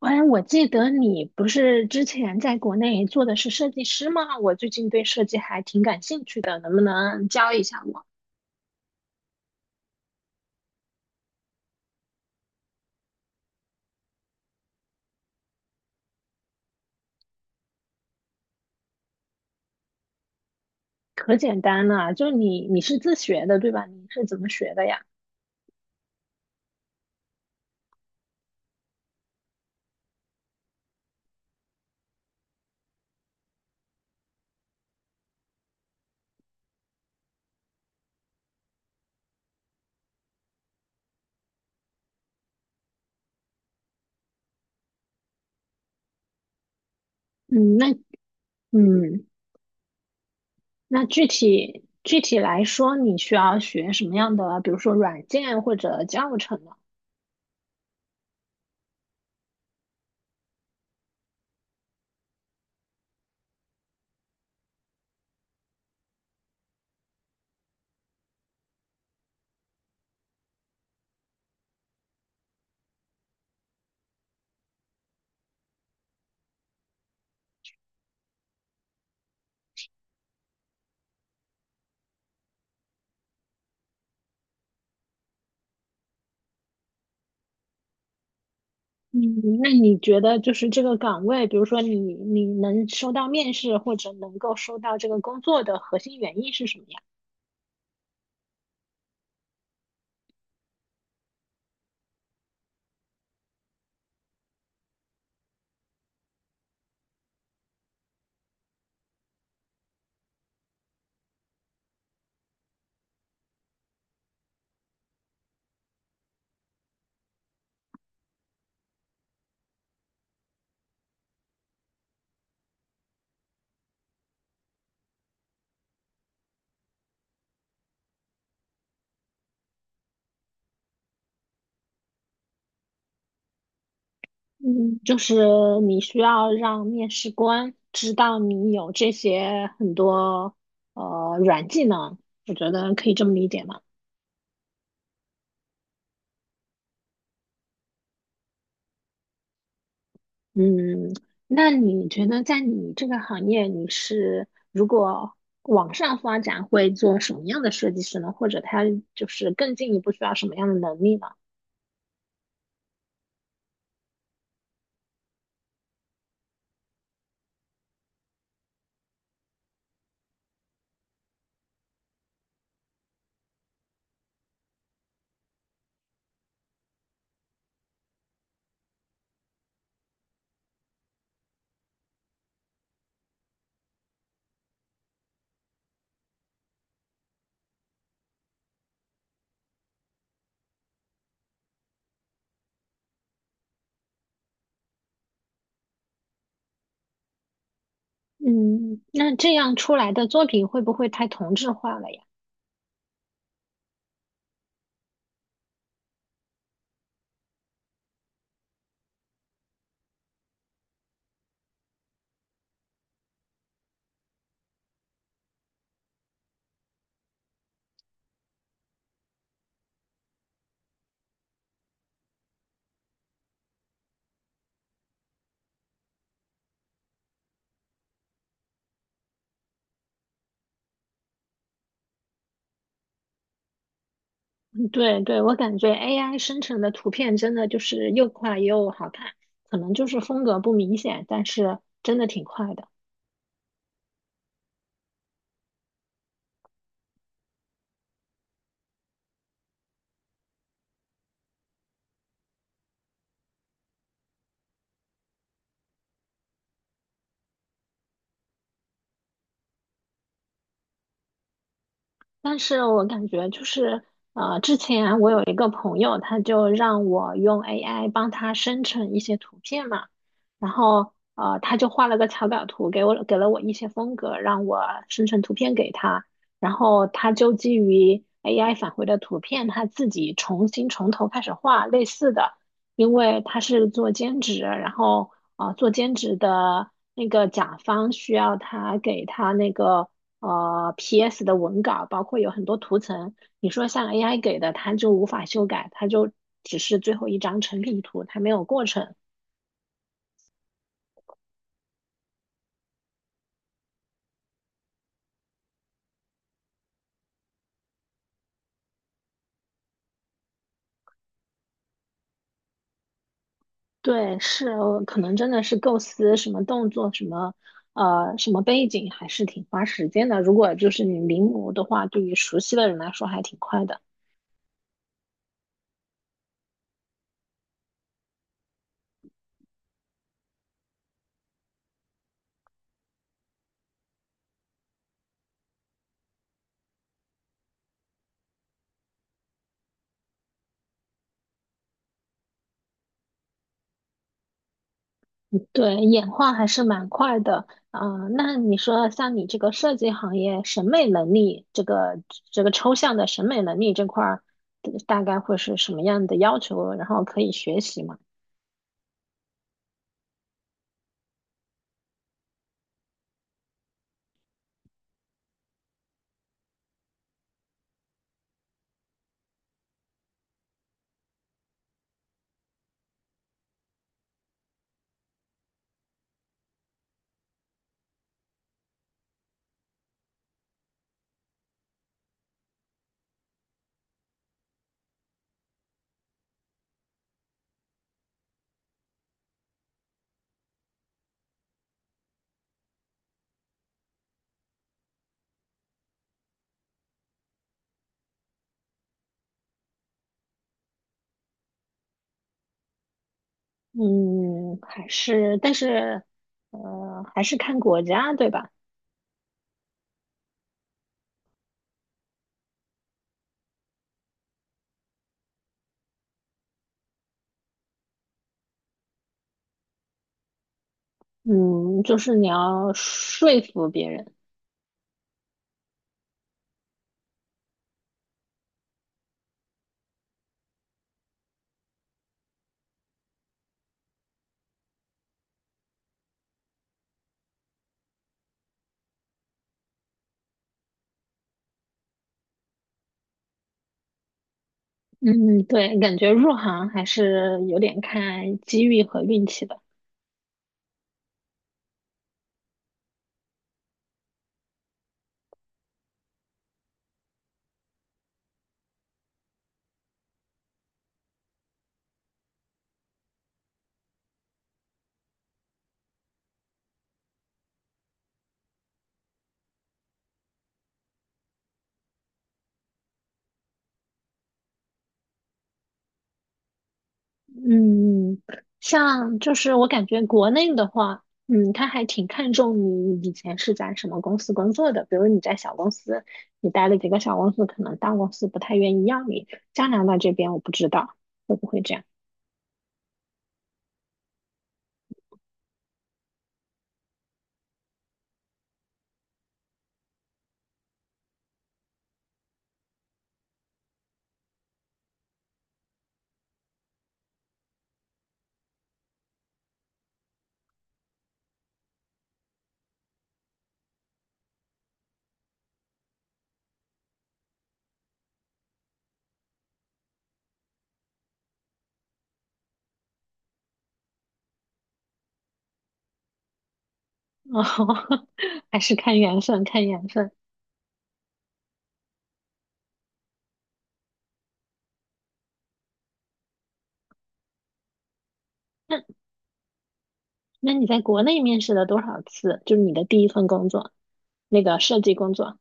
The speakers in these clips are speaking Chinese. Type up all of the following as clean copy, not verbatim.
哎，我记得你不是之前在国内做的是设计师吗？我最近对设计还挺感兴趣的，能不能教一下我？可简单了，就你是自学的对吧？你是怎么学的呀？嗯，那嗯，那具体来说，你需要学什么样的，比如说软件或者教程呢？嗯，那你觉得就是这个岗位，比如说你能收到面试或者能够收到这个工作的核心原因是什么呀？嗯，就是你需要让面试官知道你有这些很多软技能，我觉得可以这么理解嘛。嗯，那你觉得在你这个行业，你是如果往上发展会做什么样的设计师呢？或者他就是更进一步需要什么样的能力呢？嗯，那这样出来的作品会不会太同质化了呀？对对，我感觉 AI 生成的图片真的就是又快又好看，可能就是风格不明显，但是真的挺快的。但是我感觉就是，之前我有一个朋友，他就让我用 AI 帮他生成一些图片嘛，然后他就画了个草稿图给我，给了我一些风格，让我生成图片给他，然后他就基于 AI 返回的图片，他自己重新从头开始画类似的，因为他是做兼职，然后做兼职的那个甲方需要他给他那个。呃 PS 的文稿，包括有很多图层。你说像 AI 给的，它就无法修改，它就只是最后一张成品图，它没有过程。对，是，可能真的是构思什么动作，什么什么背景，还是挺花时间的。如果就是你临摹的话，对于熟悉的人来说还挺快的。对，演化还是蛮快的。啊。那你说像你这个设计行业，审美能力这个抽象的审美能力这块儿，大概会是什么样的要求？然后可以学习吗？嗯，还是，但是，还是看国家，对吧？嗯，就是你要说服别人。嗯，对，感觉入行还是有点看机遇和运气的。嗯，像就是我感觉国内的话，嗯，他还挺看重你以前是在什么公司工作的。比如你在小公司，你待了几个小公司，可能大公司不太愿意要你。加拿大这边我不知道会不会这样，哦，还是看缘分，看缘分。那那你在国内面试了多少次？就是你的第一份工作，那个设计工作。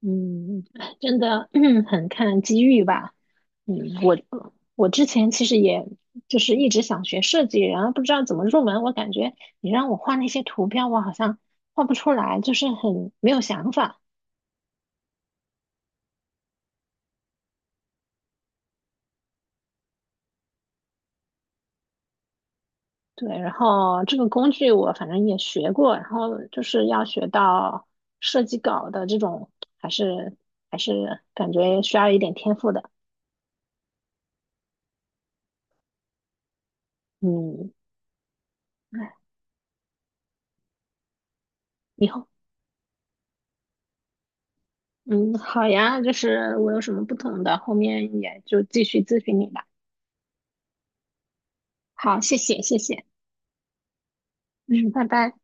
嗯，真的，很看机遇吧。嗯，我我之前其实也就是一直想学设计，然后不知道怎么入门。我感觉你让我画那些图标，我好像画不出来，就是很没有想法。对，然后这个工具我反正也学过，然后就是要学到设计稿的这种，还是还是感觉需要一点天赋的。嗯，哎，以后。嗯，好呀，就是我有什么不懂的，后面也就继续咨询你吧。好，谢谢，谢谢，嗯，拜拜。